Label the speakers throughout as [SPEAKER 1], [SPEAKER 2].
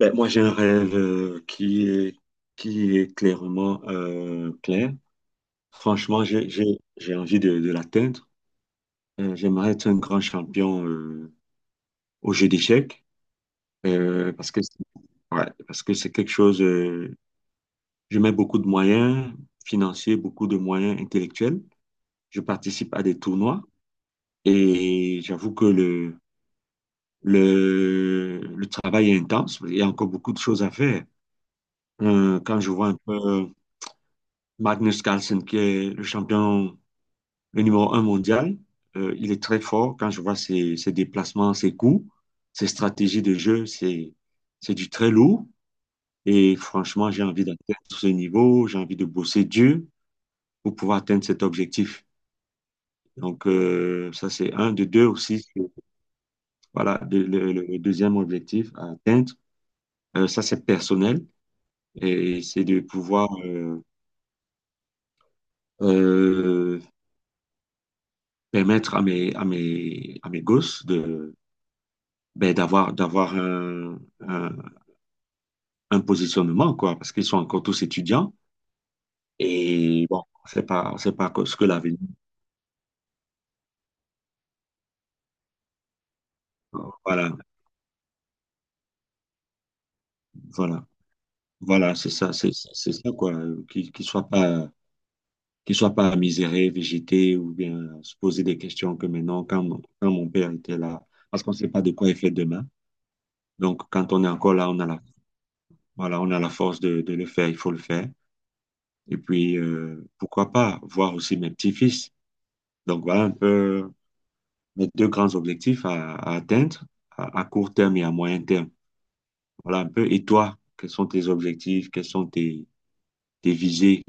[SPEAKER 1] Ben, moi, j'ai un rêve qui est clairement clair. Franchement, j'ai envie de l'atteindre. J'aimerais être un grand champion au jeu d'échecs parce que, ouais, parce que c'est quelque chose. Je mets beaucoup de moyens financiers, beaucoup de moyens intellectuels. Je participe à des tournois et j'avoue que le travail est intense. Il y a encore beaucoup de choses à faire. Quand je vois un peu Magnus Carlsen, qui est le champion, le numéro un mondial. Il est très fort quand je vois ses déplacements, ses coups, ses stratégies de jeu, c'est du très lourd. Et franchement, j'ai envie d'atteindre ce niveau, j'ai envie de bosser dur pour pouvoir atteindre cet objectif. Donc, ça, c'est un. De deux aussi, voilà, le deuxième objectif à atteindre, ça, c'est personnel et c'est de pouvoir euh, permettre à à mes gosses de ben, d'avoir un positionnement, quoi, parce qu'ils sont encore tous étudiants. Et bon, on sait pas ce que l'avenir. Voilà, voilà, voilà, c'est ça, c'est ça, quoi. Qu'ils ne soient pas, qu'ils soient pas misérés, végétés, ou bien se poser des questions que maintenant, quand, quand mon père était là, parce qu'on ne sait pas de quoi il fait demain. Donc, quand on est encore là, voilà, on a la force de le faire, il faut le faire. Et puis, pourquoi pas voir aussi mes petits-fils. Donc, voilà un peu. Mes deux grands objectifs à atteindre court terme et à moyen terme. Voilà un peu. Et toi, quels sont tes objectifs? Quels sont tes, tes visées?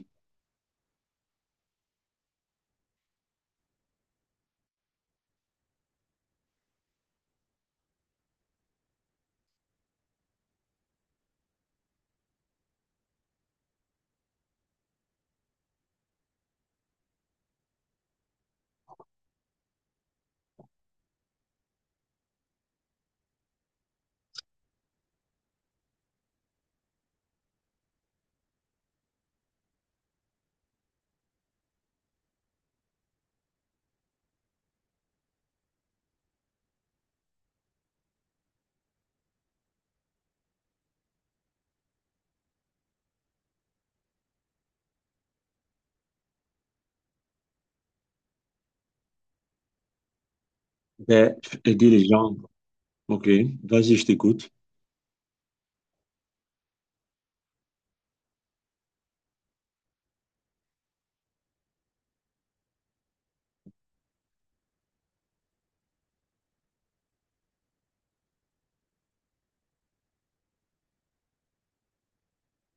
[SPEAKER 1] Ben, aider les gens. Ok, vas-y, je t'écoute.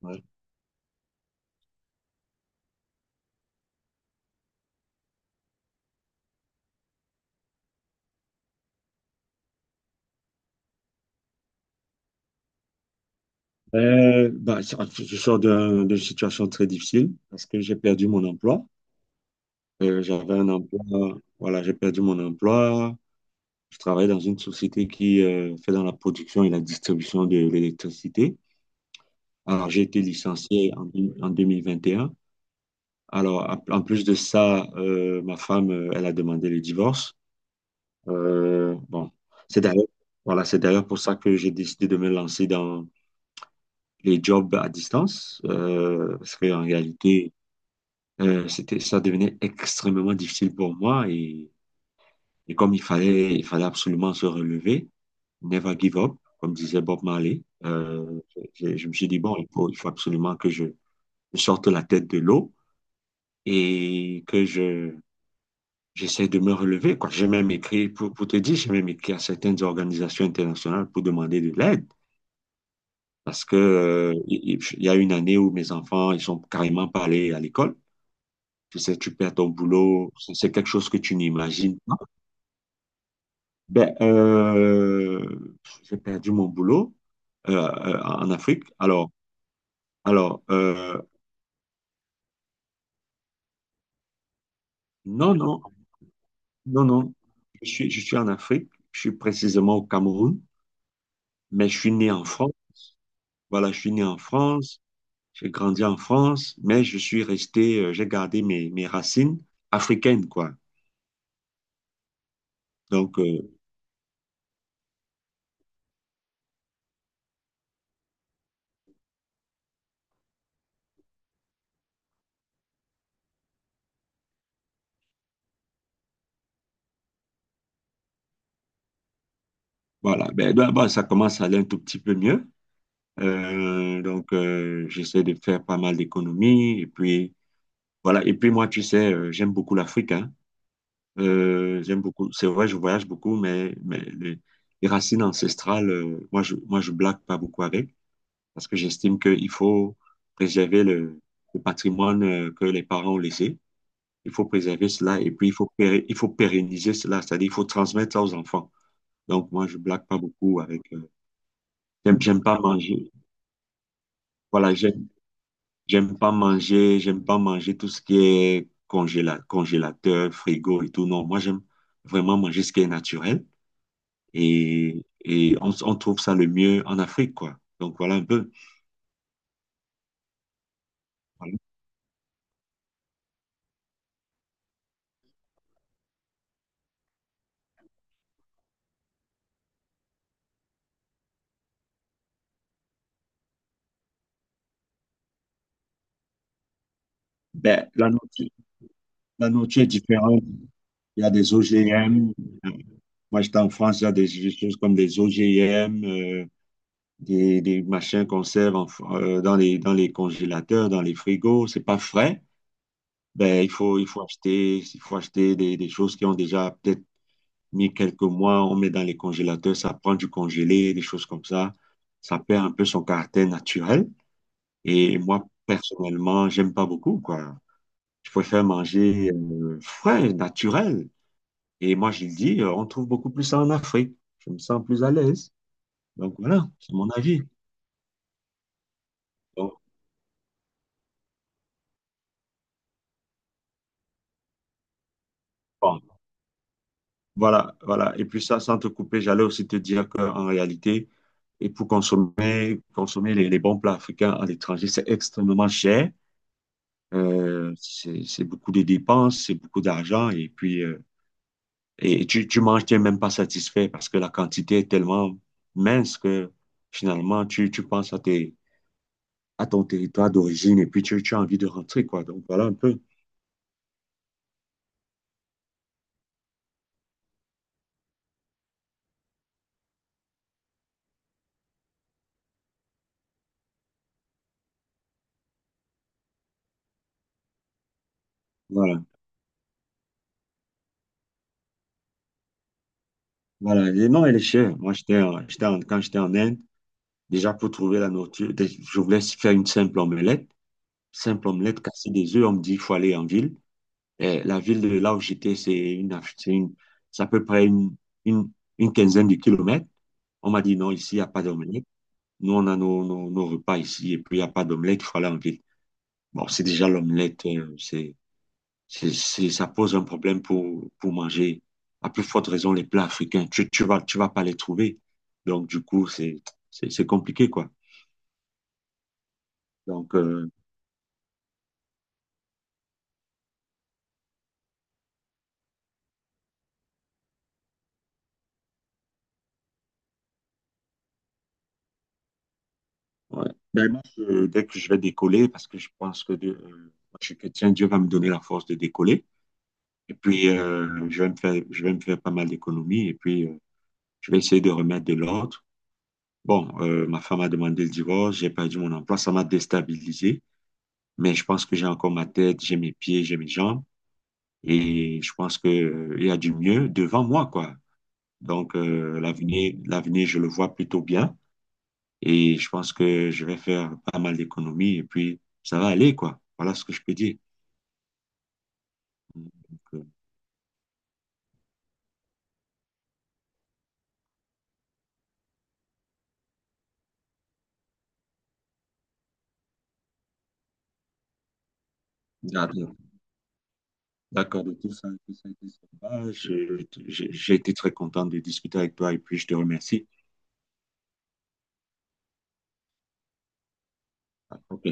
[SPEAKER 1] Ouais. Ben, je sors d'une situation très difficile parce que j'ai perdu mon emploi. J'avais un emploi, voilà, j'ai perdu mon emploi. Je travaille dans une société qui fait dans la production et la distribution de l'électricité. Alors, j'ai été licencié en, en 2021. Alors, en plus de ça, ma femme, elle a demandé le divorce. Bon, c'est d'ailleurs, voilà, c'est d'ailleurs pour ça que j'ai décidé de me lancer dans les jobs à distance, parce qu'en réalité, c'était, ça devenait extrêmement difficile pour moi et comme il fallait absolument se relever, never give up, comme disait Bob Marley, je me suis dit, bon, il faut absolument que je sorte la tête de l'eau et que j'essaie de me relever, quoi. J'ai même écrit, pour te dire, j'ai même écrit à certaines organisations internationales pour demander de l'aide. Parce que, il y a une année où mes enfants, ils sont carrément pas allés à l'école. Tu sais, tu perds ton boulot, c'est quelque chose que tu n'imagines pas. Ben, j'ai perdu mon boulot en Afrique. Alors non, non, non, non. Je suis en Afrique, je suis précisément au Cameroun, mais je suis né en France. Voilà, je suis né en France. J'ai grandi en France, mais je suis resté, j'ai gardé mes racines africaines, quoi. Donc, voilà. Ben, d'abord, ça commence à aller un tout petit peu mieux. Donc, j'essaie de faire pas mal d'économies. Et puis, voilà. Et puis, moi, tu sais, j'aime beaucoup l'Afrique, hein. J'aime beaucoup. C'est vrai, je voyage beaucoup, mais les racines ancestrales, moi, je blague pas beaucoup avec parce que j'estime qu'il faut préserver le patrimoine que les parents ont laissé. Il faut préserver cela et puis il faut, il faut pérenniser cela, c'est-à-dire il faut transmettre ça aux enfants. Donc moi, je blague pas beaucoup avec. J'aime, j'aime pas manger. Voilà, j'aime, j'aime pas manger tout ce qui est congélateur, frigo et tout. Non, moi, j'aime vraiment manger ce qui est naturel et on trouve ça le mieux en Afrique, quoi. Donc voilà un peu. Voilà. Ben, la nourriture est différente. Il y a des OGM. euh, Moi, j'étais en France, il y a des choses comme des OGM. Des machins qu'on sert dans les congélateurs, dans les frigos, c'est pas frais. Ben, il faut acheter des choses qui ont déjà peut-être mis quelques mois, on met dans les congélateurs, ça prend du congelé, des choses comme ça. Ça perd un peu son caractère naturel. Et moi, personnellement, j'aime pas beaucoup, quoi. Je préfère manger frais, naturel. Et moi, je le dis, on trouve beaucoup plus ça en Afrique. Je me sens plus à l'aise. Donc voilà, c'est mon avis. Donc, bon, voilà, voilà. Et puis ça, sans te couper, j'allais aussi te dire qu'en réalité, et pour consommer, consommer les bons plats africains à l'étranger, c'est extrêmement cher. C'est beaucoup de dépenses, c'est beaucoup d'argent. Et puis, et tu manges, tu n'es même pas satisfait parce que la quantité est tellement mince que finalement, tu penses à tes, à ton territoire d'origine et puis tu as envie de rentrer, quoi. Donc voilà un peu. Voilà. Voilà. Et non, elle est chère. Moi, quand j'étais en Inde, déjà, pour trouver la nourriture, je voulais faire une simple omelette. Simple omelette, casser des œufs. On me dit qu'il faut aller en ville. Et la ville de là où j'étais, c'est à peu près une, une quinzaine de km. On m'a dit non, ici, il n'y a pas d'omelette. Nous, on a nos repas ici et puis il n'y a pas d'omelette, il faut aller en ville. Bon, c'est déjà l'omelette, ça pose un problème pour manger. À plus forte raison, les plats africains, tu vas pas les trouver. Donc, du coup, c'est compliqué, quoi. Donc, ouais. Ben, moi, dès que je vais décoller, parce que je pense que moi, je suis chrétien, Dieu va me donner la force de décoller. Et puis, je vais me faire pas mal d'économies. Et puis, je vais essayer de remettre de l'ordre. Bon, ma femme a demandé le divorce, j'ai perdu mon emploi, ça m'a déstabilisé. Mais je pense que j'ai encore ma tête, j'ai mes pieds, j'ai mes jambes. Et je pense que, il y a du mieux devant moi, quoi. Donc, l'avenir, je le vois plutôt bien. Et je pense que je vais faire pas mal d'économies et puis ça va aller, quoi. Voilà ce que je peux dire. Donc, euh, d'accord, d'accord de tout ça, tout ça, tout ça. Bah, j'ai été très content de discuter avec toi et puis je te remercie. Ok.